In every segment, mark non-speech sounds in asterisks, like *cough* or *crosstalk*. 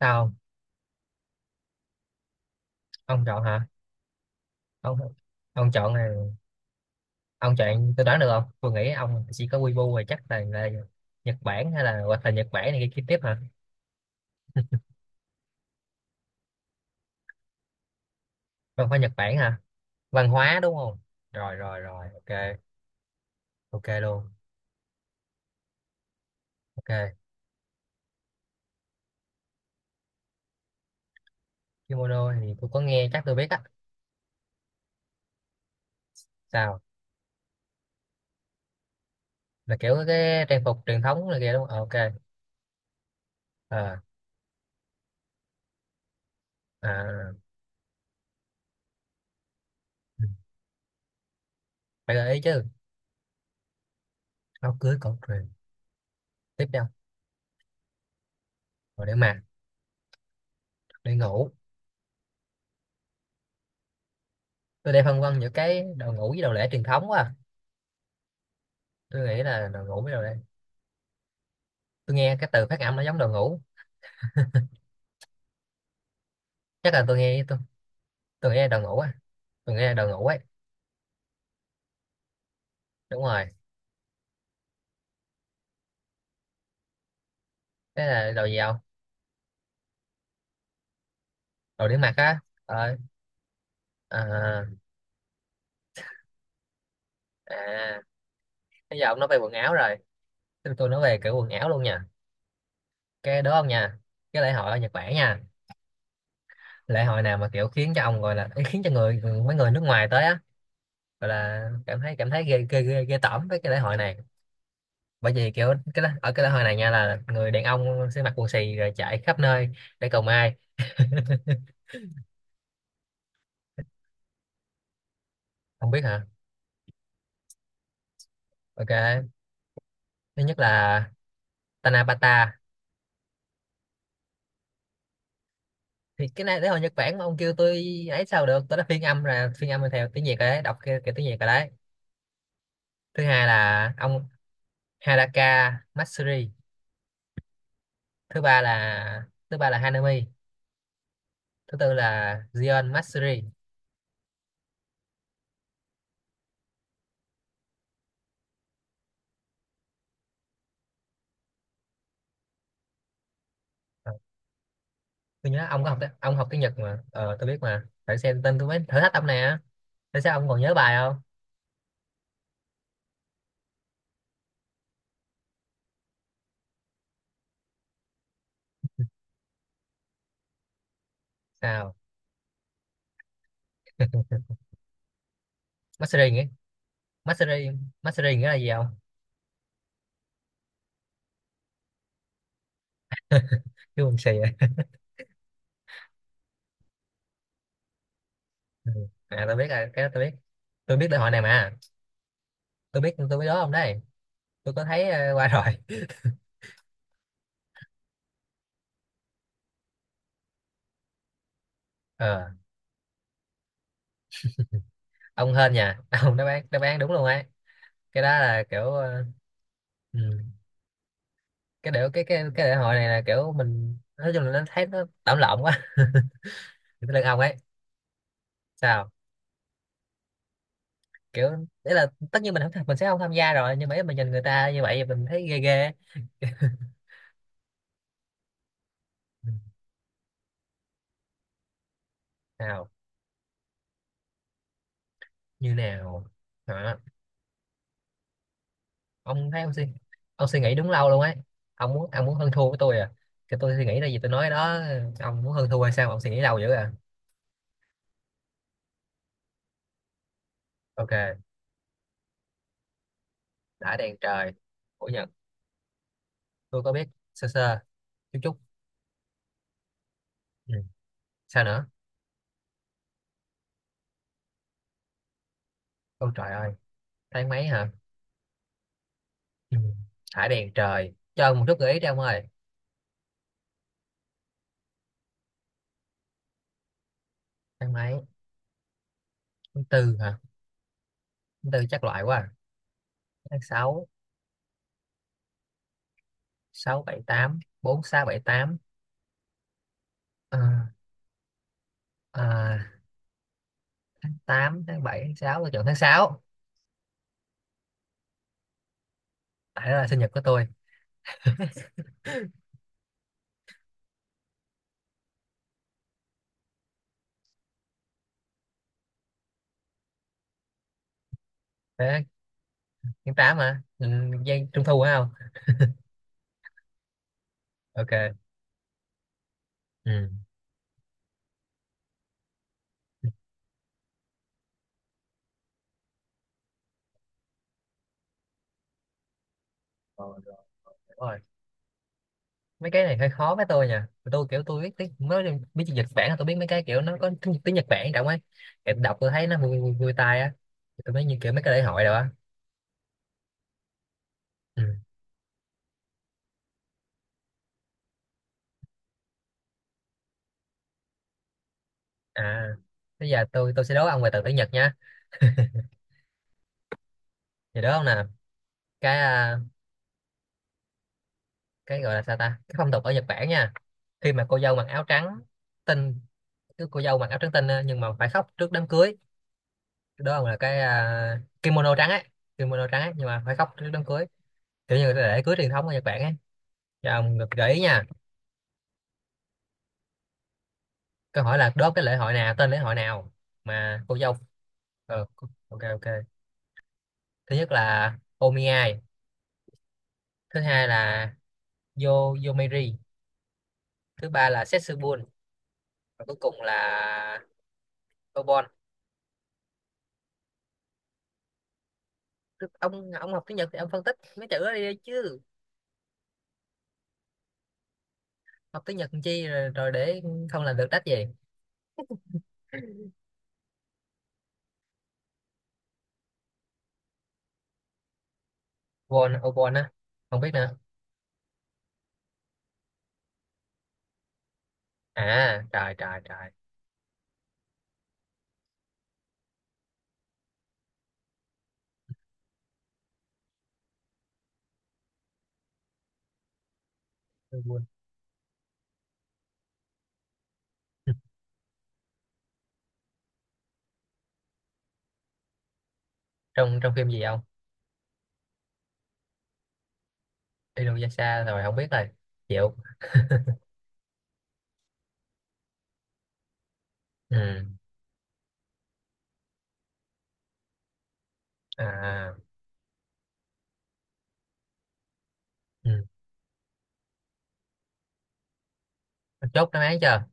Sao? Ông chọn hả? ông ông chọn này. Ông chọn tôi đoán được không? Tôi nghĩ ông chỉ có Weibo rồi, chắc là Nhật Bản hay là hoặc là Nhật Bản này kia tiếp hả? Không phải Nhật Bản hả? Văn hóa đúng không? Rồi rồi rồi ok. Ok luôn. Ok. Kimono thì tôi có nghe, chắc tôi biết á. Sao? Là kiểu cái trang phục truyền thống này kia đúng không? Ờ, ok. Ờ, à, ừ. Phải gợi ý chứ. Áo cưới cổ truyền. Tiếp theo. Rồi để mặc. Để ngủ. Tôi đang phân vân giữa cái đồ ngủ với đồ lễ truyền thống quá à. Tôi nghĩ là đồ ngủ với đồ lễ. Tôi nghe cái từ phát âm nó giống đồ ngủ. Chắc là tôi nghe tôi. Tôi nghe đồ ngủ á. Tôi nghe đồ ngủ ấy. Đúng rồi. Thế là đồ gì không? Đồ để mặc á? ờ à, à. Bây giờ ông nói về quần áo rồi, tôi nói về kiểu quần áo luôn nha. Cái đó ông nha. Cái lễ hội ở Nhật Bản nha. Lễ hội nào mà kiểu khiến cho ông gọi là ý, khiến cho người, mấy người nước ngoài tới á, gọi là cảm thấy ghê tởm với cái lễ hội này. Bởi vì kiểu cái ở cái lễ hội này nha là người đàn ông sẽ mặc quần xì rồi chạy khắp nơi để cầu may. Không biết hả? Ok. Thứ nhất là Tanabata. Thì cái này đấy hồi Nhật Bản mà ông kêu tôi ấy, sao được, tôi đã phiên âm là phiên âm theo tiếng Việt rồi đấy, đọc cái tiếng Việt rồi đấy. Thứ hai là ông, Haraka Matsuri. Thứ ba là Hanami. Thứ tư là Gion Matsuri. Ờ, tôi nhớ ông có học, ông học tiếng Nhật mà, tôi biết mà phải xem tên tôi mới thử thách ông nè. Tại sao ông còn nhớ bài không? Sao? Matsuri nghĩa, Matsuri, Matsuri nghĩa là gì không? Kêu mình xì vậy? *laughs* Ừ. À tôi biết rồi, cái đó tôi biết, tôi biết lễ hội này mà. Tôi biết, tôi biết đó ông đấy. Tôi có thấy qua rồi. Ờ, ông hên nhà. *laughs* Ông, đáp án, đáp án đúng luôn ấy. Cái đó là kiểu ừ. Cái điệu cái lễ hội này là kiểu mình, nói chung là nó thấy nó tạm lộn quá. *laughs* Thì cái lưng ông ấy. Sao? Kiểu, đấy là tất nhiên mình không, mình sẽ không tham gia rồi, nhưng mà mình nhìn người ta như vậy mình thấy ghê ghê. Ừ. Nào? Như nào? Hả? Ông thấy, ông suy, ông suy nghĩ đúng lâu luôn ấy. Ông muốn, ông muốn hơn thua với tôi à? Cái tôi suy nghĩ là gì tôi nói đó, ông muốn hơn thua hay sao mà ông suy nghĩ lâu dữ à? Ok. Đã đèn trời của Nhật. Tôi có biết, sơ sơ, chút chút. Ừ. Sao nữa? Ôi trời ơi. Tháng mấy hả? Ừ. Thả đèn trời, cho ông một chút gợi ý đi ông ơi. Tháng mấy? Tháng tư hả? Tháng tư chắc loại quá à. Tháng sáu. Sáu bảy tám, bốn sáu bảy tám. Ờ, ờ, tám tháng bảy tháng sáu, tôi chọn tháng sáu. Tại đó là sinh nhật của tôi. Thế, tháng tám hả? Ừ, giây trung thu phải không? Ok. Ừ. Rồi, rồi, rồi. Mấy cái này hơi khó với tôi nha, tôi kiểu tôi biết tiếng, nói chung biết chữ Nhật Bản là tôi biết, mấy cái kiểu nó có tiếng Nhật Bản trọng ấy, kiểu đọc tôi thấy nó vui vui, vui tai á. Tôi mới như kiểu mấy cái lễ hội rồi á. Ừ. À bây giờ tôi sẽ đố ông về từ tiếng Nhật nha. Thì đố ông nè. cái à, cái gọi là sao ta, cái phong tục ở Nhật Bản nha, khi mà cô dâu mặc áo trắng tinh. Cứ cô dâu mặc áo trắng tinh á, nhưng mà phải khóc trước đám cưới. Cái đó ông là cái kimono trắng ấy, kimono trắng ấy, nhưng mà phải khóc trước đám cưới, kiểu như là lễ cưới truyền thống ở Nhật Bản ấy. Cho ông được gợi ý nha. Câu hỏi là đố cái lễ hội nào, tên lễ hội nào mà cô dâu. ờ, ok ok. Thứ nhất là Omiai. Thứ hai là Yo, Yomiri. Thứ ba là Setsubun. Và cuối cùng là Obon. Ông học tiếng Nhật thì ông phân tích mấy chữ đó đi chứ. Học tiếng Nhật làm chi rồi để không làm được đách gì. Obon, Obon á, không biết nữa. À trời trời trời. Setsubun. *laughs* Trong, trong phim gì không? Inuyasha, rồi không biết rồi. Chịu. Ừ. À. Ừ. Chốt đáp án chưa?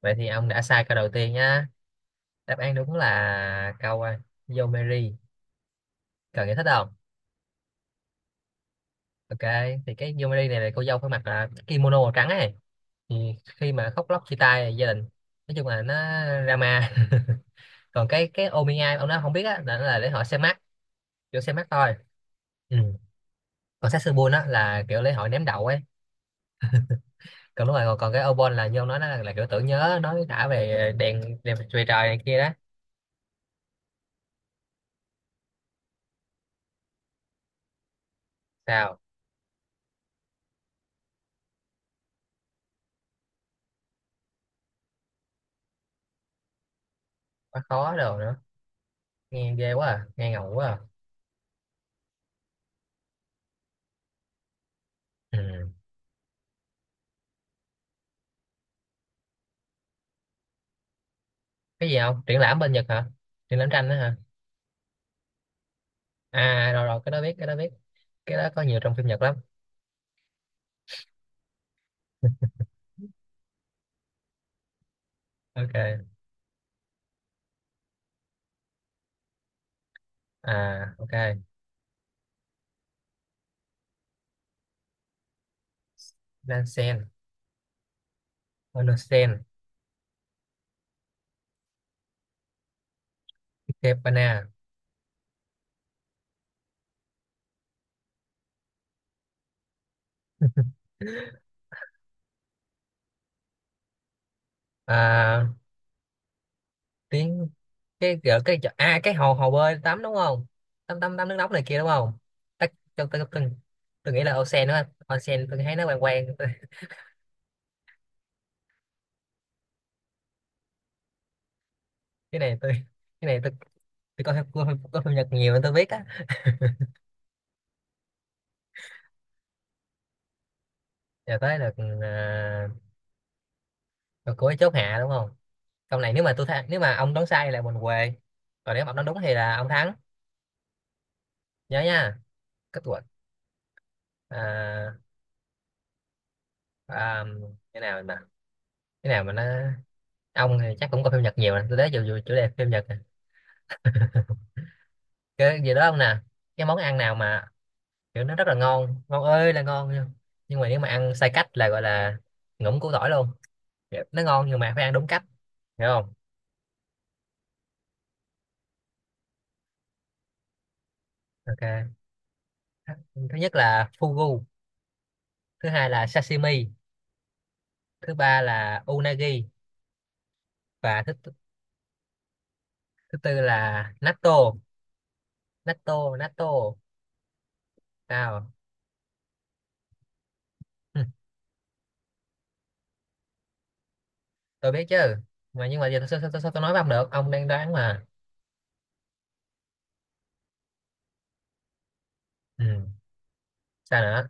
Vậy thì ông đã sai câu đầu tiên nhá. Đáp án đúng là câu Yomeri. Cần giải thích không? Ok, thì cái Yomeri này là cô dâu phải mặc là kimono màu trắng ấy. Thì khi mà khóc lóc chia tay gia đình, nói chung là nó drama. *laughs* Còn cái Omiya ông nói không biết á, là nó là lễ hội xem mắt, kiểu xem mắt thôi. Ừ. Còn Satsubun á là kiểu lễ hội ném đậu ấy. Còn đúng rồi, còn cái Obon là như ông nói, nó là kiểu tưởng nhớ, nói đã về đèn đèn về trời này kia đó. Sao? Quá khó đồ nữa. Nghe ghê quá à, nghe ngầu quá à. Ừ. Cái gì không, triển lãm bên Nhật hả? Triển lãm tranh đó hả? À rồi rồi, cái đó biết, cái đó biết, cái đó có nhiều trong phim Nhật lắm. Ok. À ok. Nansen. Onsen. Ikebana. à, tiếng, cái à cái hồ, hồ bơi tắm đúng không? Tắm tắm tắm nước nóng này kia đúng không? Tắc tôi nghĩ là Onsen đó. Onsen tôi thấy nó quen quen. Tôi- *laughs* cái này tôi, cái này tôi coi phim Nhật nhiều nên tôi biết á. Giờ tới được. à, cuối chốt hạ đúng không? Câu này nếu mà tôi thắng, nếu mà ông đoán sai là mình què. Còn nếu mà ông đoán đúng thì là ông thắng. Nhớ nha. Kết quả. à, à, cái nào mà, cái nào mà nó, ông thì chắc cũng có phim Nhật nhiều nè, tôi thấy dù chủ đề phim Nhật nè. Cái gì đó ông nè. Cái món ăn nào mà kiểu nó rất là ngon, ngon ơi là ngon, nhưng mà nếu mà ăn sai cách là gọi là ngủm củ tỏi luôn. Kiểu nó ngon nhưng mà phải ăn đúng cách, hiểu không? Ok. Thứ nhất là fugu. Thứ hai là sashimi. Thứ ba là unagi. Và thứ thứ tư là natto. Natto. Sao? Hừ, *laughs* tôi biết chứ, mà nhưng mà giờ sao tôi nói với ông được, ông đang đoán mà. Ừ. Sao nữa?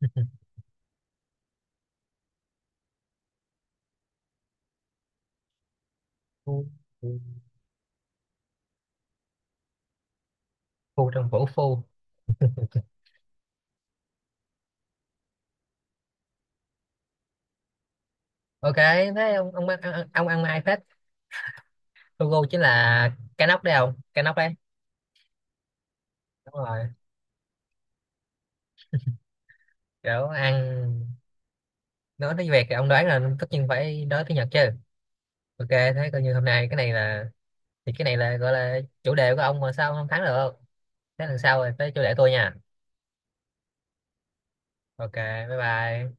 *laughs* Phu, phu, phu trong vũ phu. Ok thế ông ăn mai phết. Logo chính là cái nóc đấy không, cái nóc đấy. Đúng rồi. Kiểu ăn. Nói tiếng Việt thì ông đoán là tất nhiên, phải nói tiếng Nhật chứ. Ok, thế coi như hôm nay cái này là, thì cái này là gọi là chủ đề của ông mà sao ông không thắng được. Thế lần sau rồi tới chủ đề tôi nha. Ok. Bye bye.